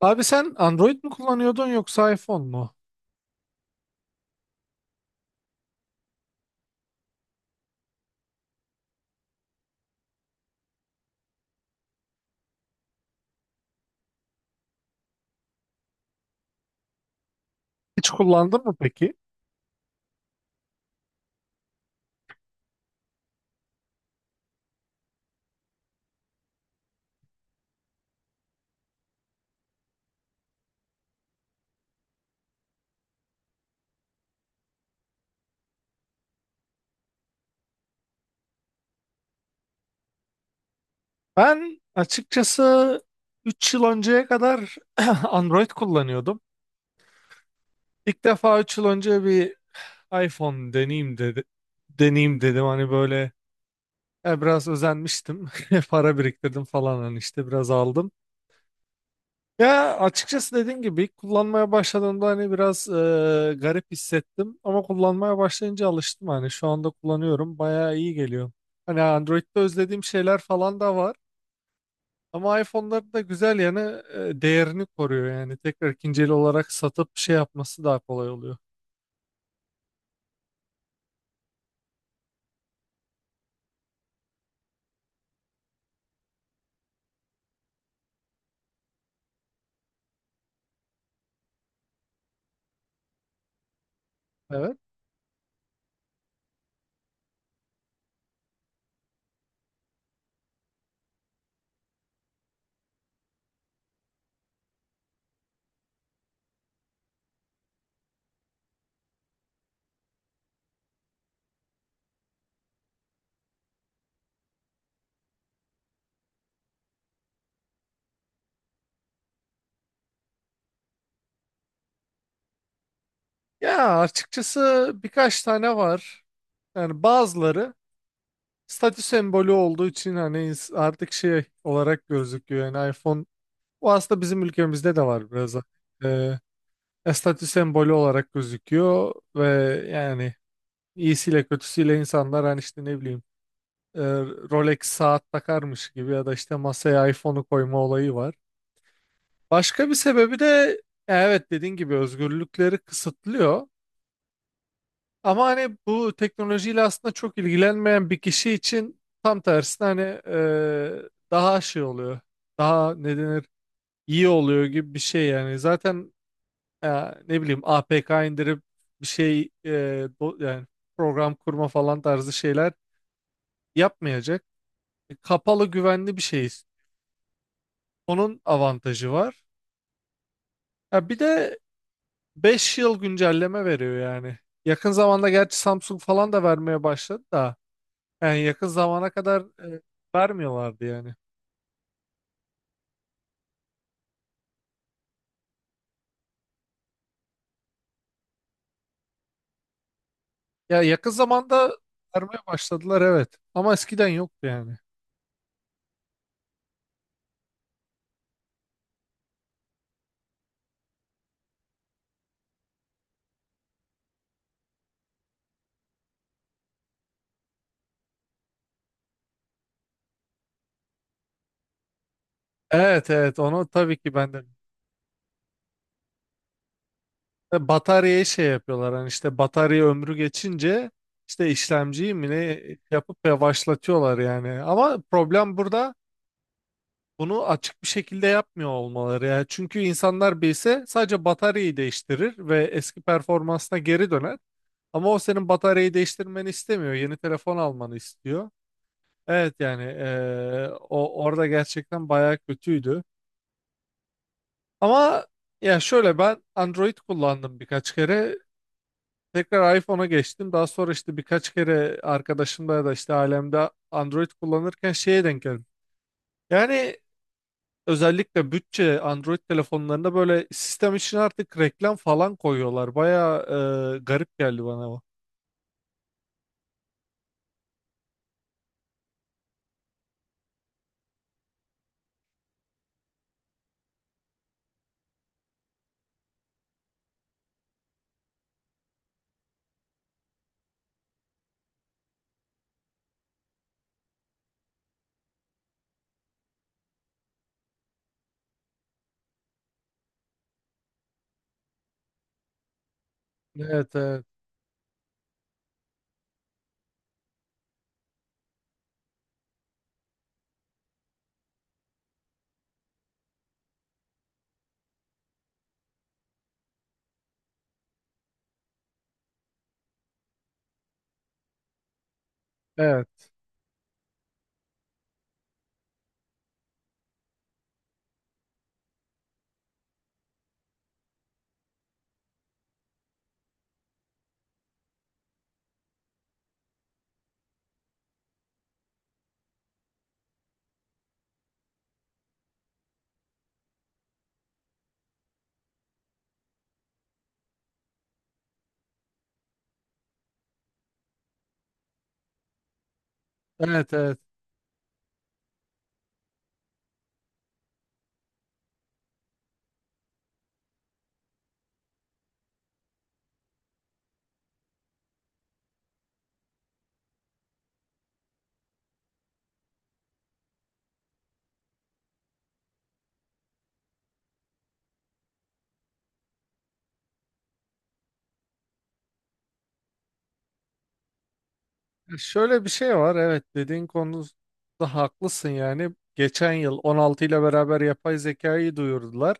Abi sen Android mi kullanıyordun yoksa iPhone mu? Hiç kullandın mı peki? Ben açıkçası 3 yıl önceye kadar Android kullanıyordum. İlk defa 3 yıl önce bir iPhone deneyeyim dedi. Deneyeyim dedim hani böyle biraz özenmiştim. Para biriktirdim falan hani işte biraz aldım. Ya açıkçası dediğim gibi ilk kullanmaya başladığımda hani biraz garip hissettim ama kullanmaya başlayınca alıştım hani şu anda kullanıyorum bayağı iyi geliyor. Hani Android'de özlediğim şeyler falan da var ama iPhone'ların da güzel yanı değerini koruyor yani tekrar ikinci el olarak satıp şey yapması daha kolay oluyor. Evet. Ya açıkçası birkaç tane var. Yani bazıları statü sembolü olduğu için hani artık şey olarak gözüküyor. Yani iPhone. Bu aslında bizim ülkemizde de var biraz da. Ee, statü sembolü olarak gözüküyor ve yani iyisiyle kötüsüyle insanlar hani işte ne bileyim e, Rolex saat takarmış gibi ya da işte masaya iPhone'u koyma olayı var. Başka bir sebebi de evet dediğin gibi özgürlükleri kısıtlıyor. Ama hani bu teknolojiyle aslında çok ilgilenmeyen bir kişi için tam tersine hani e, daha şey oluyor. Daha ne denir iyi oluyor gibi bir şey yani. Zaten e, ne bileyim APK indirip bir şey yani program kurma falan tarzı şeyler yapmayacak. Kapalı güvenli bir şeyiz. Onun avantajı var. Ya bir de 5 yıl güncelleme veriyor yani. Yakın zamanda gerçi Samsung falan da vermeye başladı da yani yakın zamana kadar e, vermiyorlardı yani. Ya yakın zamanda vermeye başladılar evet ama eskiden yoktu yani. Evet, evet, onu tabii ki ben de. Ve bataryayı şey yapıyorlar hani işte batarya ömrü geçince işte işlemciyi mi ne yapıp yavaşlatıyorlar yani. Ama problem burada bunu açık bir şekilde yapmıyor olmaları yani. Çünkü insanlar bilse sadece bataryayı değiştirir ve eski performansına geri döner. Ama o senin bataryayı değiştirmeni istemiyor. Yeni telefon almanı istiyor. Evet yani o orada gerçekten bayağı kötüydü. Ama ya şöyle ben Android kullandım birkaç kere. Tekrar iPhone'a geçtim. Daha sonra işte birkaç kere arkadaşımda ya da işte ailemde Android kullanırken şeye denk geldim. Yani özellikle bütçe Android telefonlarında böyle sistem için artık reklam falan koyuyorlar. Bayağı garip geldi bana bu. Evet, evet, evet, evet, evet. Şöyle bir şey var. Evet, dediğin konuda haklısın yani. Geçen yıl 16 ile beraber yapay zekayı duyurdular.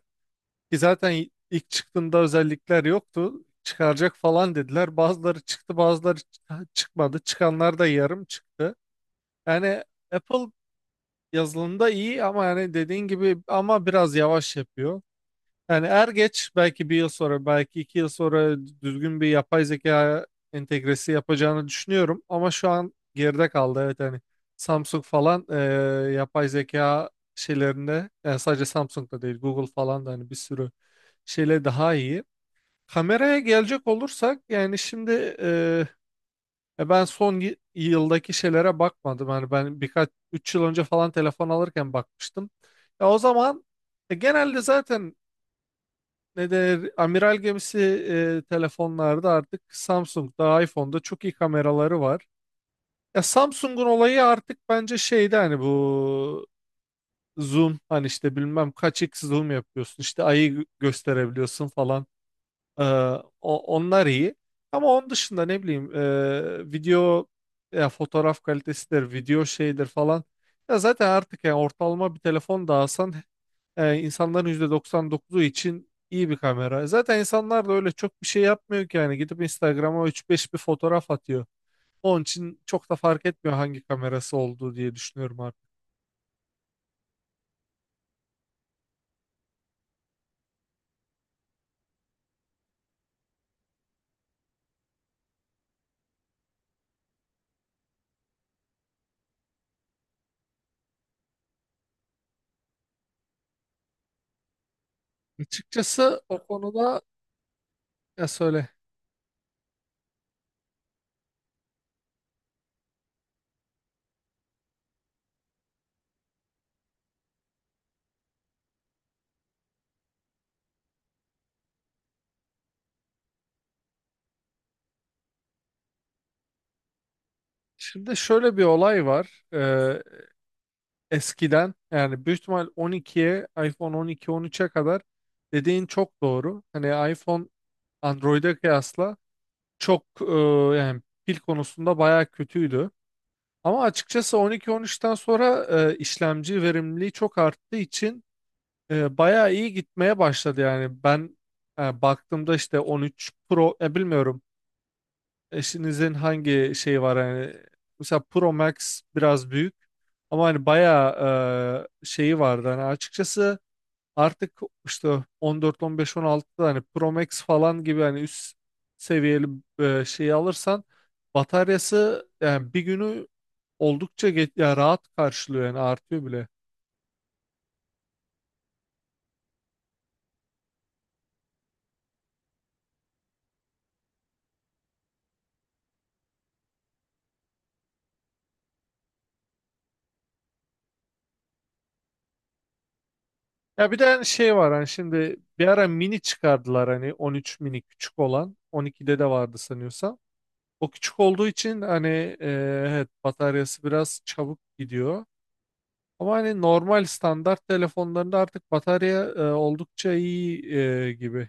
Ki zaten ilk çıktığında özellikler yoktu. Çıkaracak falan dediler. Bazıları çıktı, bazıları çıkmadı. Çıkanlar da yarım çıktı. Yani Apple yazılımda iyi ama yani dediğin gibi ama biraz yavaş yapıyor. Yani er geç belki bir yıl sonra, belki iki yıl sonra düzgün bir yapay zeka entegresi yapacağını düşünüyorum. Ama şu an geride kaldı. Evet hani Samsung falan yapay zeka şeylerinde yani sadece Samsung'da değil Google falan da hani bir sürü şeyle daha iyi. Kameraya gelecek olursak yani şimdi e, ben son yıldaki şeylere bakmadım. Yani ben birkaç 3 yıl önce falan telefon alırken bakmıştım. Ya o zaman genelde zaten ne der amiral gemisi telefonlarda artık Samsung'da iPhone'da çok iyi kameraları var. Ya Samsung'un olayı artık bence şeyde hani bu zoom hani işte bilmem kaç x zoom yapıyorsun işte ayı gösterebiliyorsun falan. Ee, onlar iyi. Ama onun dışında ne bileyim video ya fotoğraf kalitesidir, video şeydir falan. Ya zaten artık yani ortalama bir telefon da alsan insanların %99'u için iyi bir kamera. Zaten insanlar da öyle çok bir şey yapmıyor ki yani gidip Instagram'a 3-5 bir fotoğraf atıyor. Onun için çok da fark etmiyor hangi kamerası olduğu diye düşünüyorum artık. Açıkçası o konuda ya söyle. Şimdi şöyle bir olay var. Eskiden yani büyük ihtimal 12'ye iPhone 12 13'e kadar dediğin çok doğru. Hani iPhone Android'e kıyasla çok yani pil konusunda bayağı kötüydü. Ama açıkçası 12 13'ten sonra işlemci verimliliği çok arttığı için bayağı iyi gitmeye başladı yani. Ben baktığımda işte 13 Pro bilmiyorum eşinizin hangi şeyi var hani mesela Pro Max biraz büyük ama hani bayağı şeyi vardı hani açıkçası artık işte 14 15 16'da hani Pro Max falan gibi hani üst seviyeli şeyi alırsan bataryası yani bir günü oldukça geç, ya rahat karşılıyor yani artıyor bile. Ya bir de hani şey var hani şimdi bir ara mini çıkardılar hani 13 mini küçük olan 12'de de vardı sanıyorsam. O küçük olduğu için hani e, evet bataryası biraz çabuk gidiyor. Ama hani normal standart telefonlarında artık batarya oldukça iyi gibi.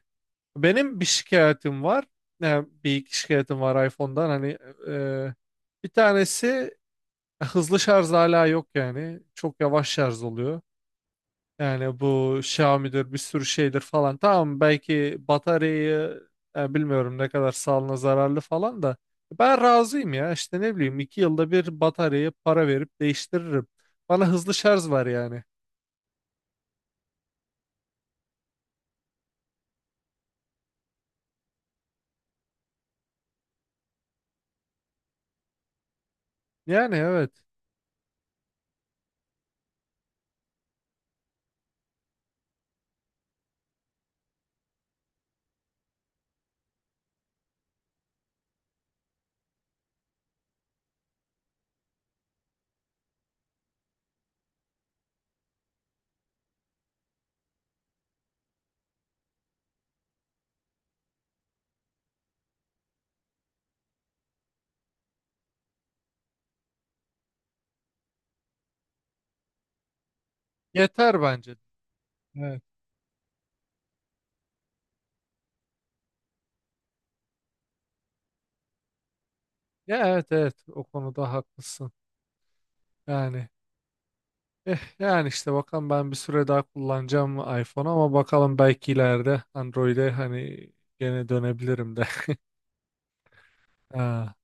Benim bir şikayetim var. Yani bir iki şikayetim var iPhone'dan. Hani e, bir tanesi hızlı şarj hala yok yani. Çok yavaş şarj oluyor. Yani bu Xiaomi'dir bir sürü şeydir falan. Tamam belki bataryayı bilmiyorum ne kadar sağlığına zararlı falan da. Ben razıyım ya işte ne bileyim 2 yılda bir bataryayı para verip değiştiririm. Bana hızlı şarj var yani. Yani evet yeter bence. Evet. Ya, evet, evet, o konuda haklısın. Yani yani işte bakalım ben bir süre daha kullanacağım iPhone'u ama bakalım belki ileride Android'e hani gene dönebilirim de. Ha.